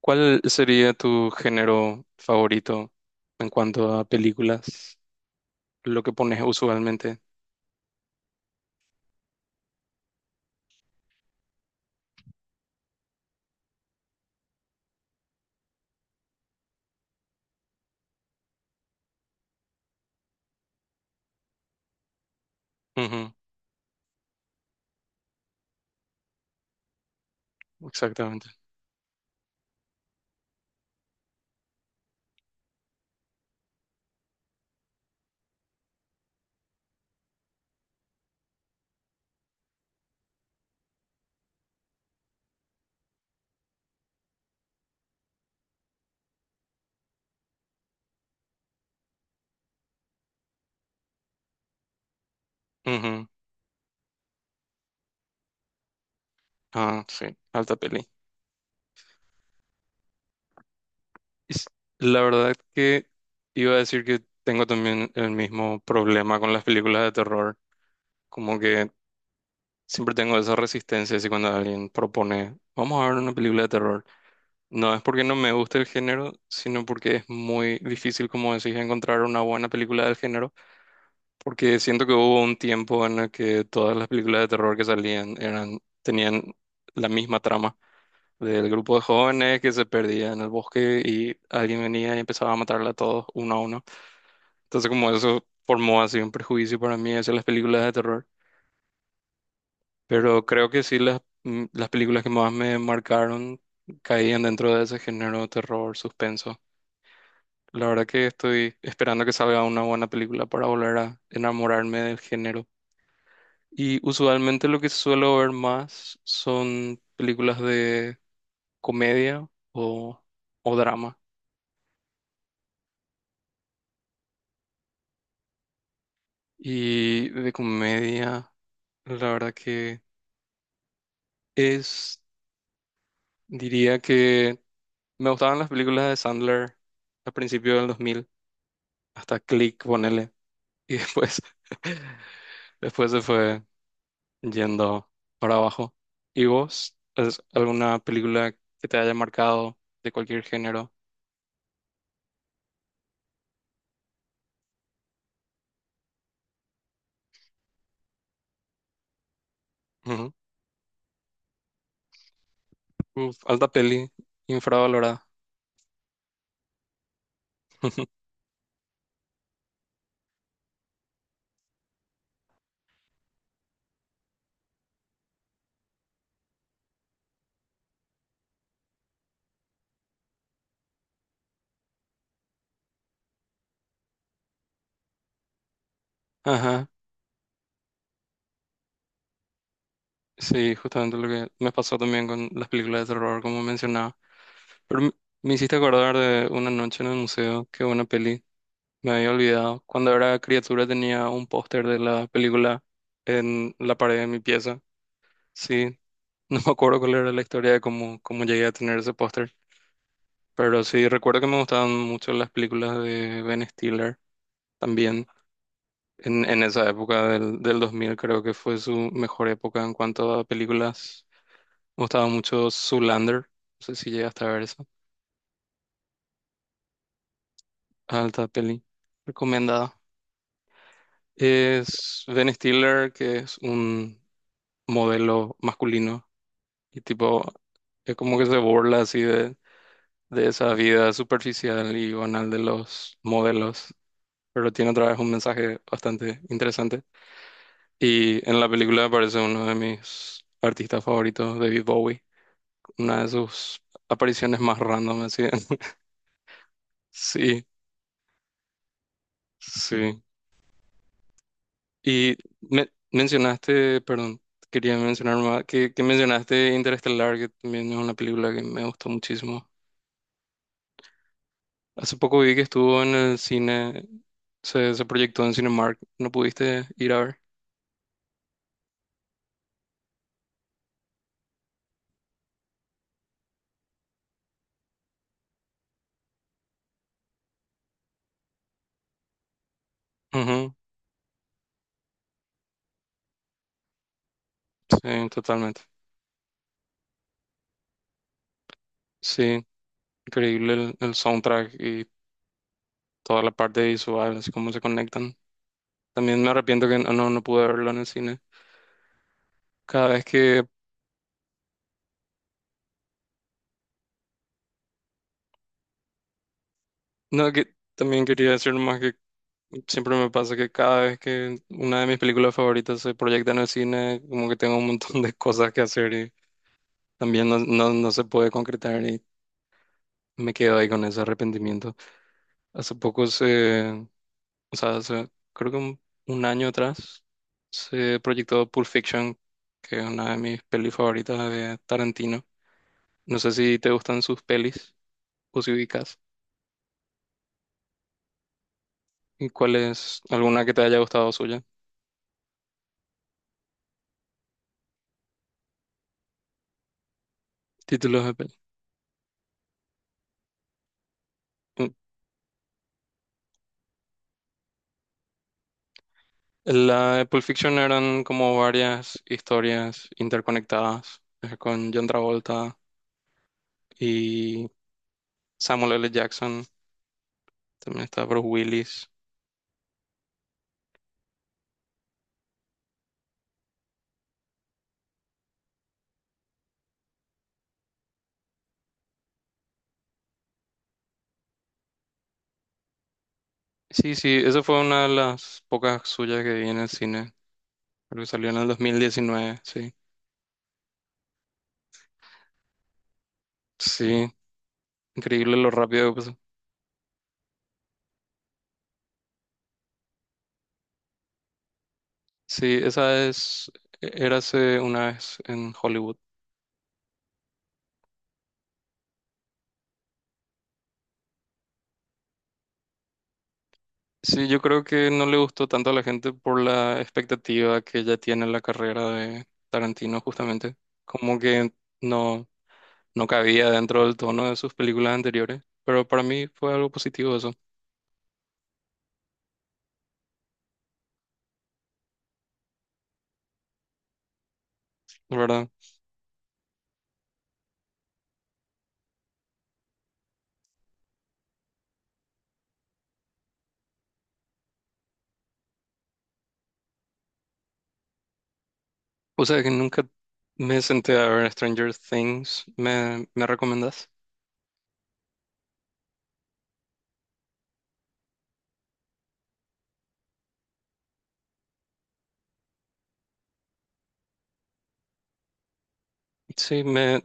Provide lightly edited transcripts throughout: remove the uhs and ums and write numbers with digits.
¿Cuál sería tu género favorito en cuanto a películas? Lo que pones usualmente. Ujú, exactamente. Ujú. Ah, sí, alta peli. Es- La verdad que iba a decir que tengo también el mismo problema con las películas de terror. Como que siempre tengo esa resistencia si cuando alguien propone, vamos a ver una película de terror. No es porque no me guste el género, sino porque es muy difícil, como decís, encontrar una buena película del género. Porque siento que hubo un tiempo en el que todas las películas de terror que salían eran, tenían la misma trama del grupo de jóvenes que se perdía en el bosque y alguien venía y empezaba a matarla a todos uno a uno. Entonces como eso formó así un prejuicio para mí hacia las películas de terror. Pero creo que sí las, las películas que más me marcaron caían dentro de ese género de terror, suspenso. La verdad que estoy esperando que salga una buena película para volver a enamorarme del género. Y usualmente lo que suelo ver más son películas de comedia o, o drama. Y de comedia, la verdad que es, diría que me gustaban las películas de Sandler a principios del 2000, hasta Click, ponele. Y después, después se fue yendo para abajo. ¿Y vos? ¿Es alguna película que te haya marcado de cualquier género? Uf, alta peli, infravalorada. Ajá, sí, justamente lo que me pasó también con las películas de terror, como mencionaba. Pero me hiciste acordar de una noche en el museo, que una peli, me había olvidado. Cuando era criatura tenía un póster de la película en la pared de mi pieza. Sí, no me acuerdo cuál era la historia de cómo, cómo llegué a tener ese póster. Pero sí, recuerdo que me gustaban mucho las películas de Ben Stiller también. En esa época del 2000 creo que fue su mejor época en cuanto a películas. Me gustaba mucho Zoolander, no sé si llegaste a ver esa. Alta peli, recomendada. Es Ben Stiller, que es un modelo masculino y tipo, es como que se burla así de esa vida superficial y banal de los modelos, pero tiene otra vez un mensaje bastante interesante. Y en la película aparece uno de mis artistas favoritos, David Bowie. Una de sus apariciones más random, así. Sí, sí. Y mencionaste, perdón, quería mencionar más, que mencionaste Interestelar, que también es una película que me gustó muchísimo. Hace poco vi que estuvo en el cine, se proyectó en Cinemark, ¿no pudiste ir a ver? Ujú, sí, totalmente. Sí, increíble el soundtrack y toda la parte visual, así como se conectan. También me arrepiento que no pude verlo en el cine. Cada vez que no, que también quería decir nomás que siempre me pasa que cada vez que una de mis películas favoritas se proyecta en el cine, como que tengo un montón de cosas que hacer y también no se puede concretar y me quedo ahí con ese arrepentimiento. Hace poco se, o sea, creo que un año atrás se proyectó Pulp Fiction, que es una de mis pelis favoritas de Tarantino. No sé si te gustan sus pelis o si ubicas. ¿Y cuál es alguna que te haya gustado suya? Títulos de peli. La de Pulp Fiction eran como varias historias interconectadas con John Travolta y Samuel L. Jackson. También está Bruce Willis. Sí, sí, esa fue una de las pocas suyas que vi en el cine. Creo que salió en el 2019, sí. Sí, increíble lo rápido que pasó. Sí, esa es Érase una vez en Hollywood. Sí, yo creo que no le gustó tanto a la gente por la expectativa que ya tiene la carrera de Tarantino, justamente. Como que no, no cabía dentro del tono de sus películas anteriores. Pero para mí fue algo positivo eso, la verdad. O sea, que nunca me senté a ver Stranger Things. ¿Me, me recomendás? Sí, me,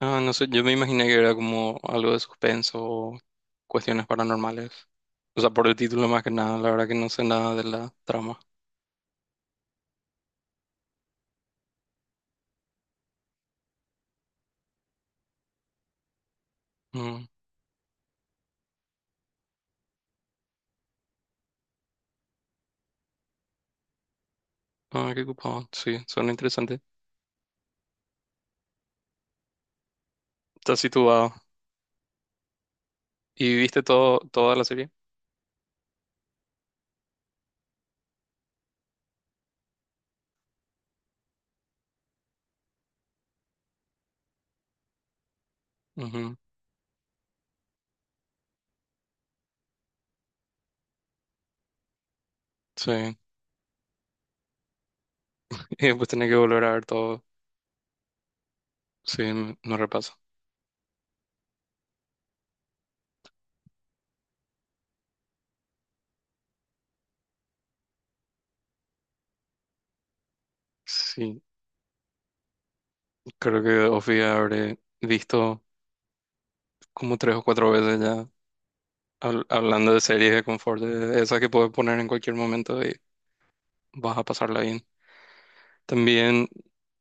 ah, no sé, yo me imaginé que era como algo de suspenso o cuestiones paranormales. O sea, por el título más que nada, la verdad que no sé nada de la trama. Mm. Ah, qué ocupado. Sí, suena interesante. Estás situado. ¿Y viste todo, toda la serie? Ujú, sí. Y después tenés que volver a ver todo. Sí, no repaso. Sí, creo que Ofi habré visto como tres o cuatro veces ya hablando de series de confort, de esas que puedes poner en cualquier momento y vas a pasarla bien. También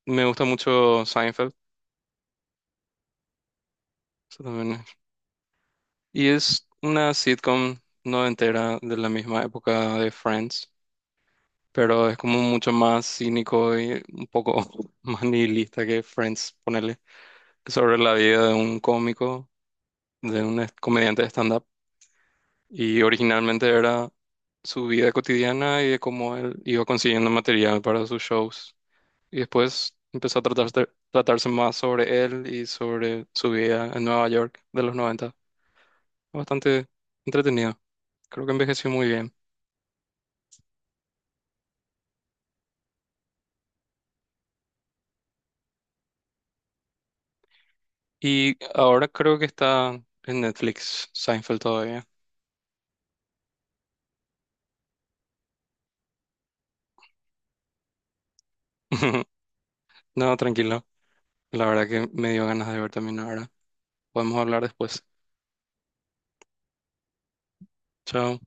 me gusta mucho Seinfeld. eso también es- Y es una sitcom no entera de la misma época de Friends. Pero es como mucho más cínico y un poco más nihilista que Friends, ponerle, sobre la vida de un cómico, de un comediante de stand-up. Y originalmente era su vida cotidiana y de cómo él iba consiguiendo material para sus shows. Y después empezó a tratarse más sobre él y sobre su vida en Nueva York de los noventa. Bastante entretenido. Creo que envejeció muy bien. Y ahora creo que está en Netflix, Seinfeld todavía. No, tranquilo. La verdad que me dio ganas de ver también ahora. Podemos hablar después. Chao.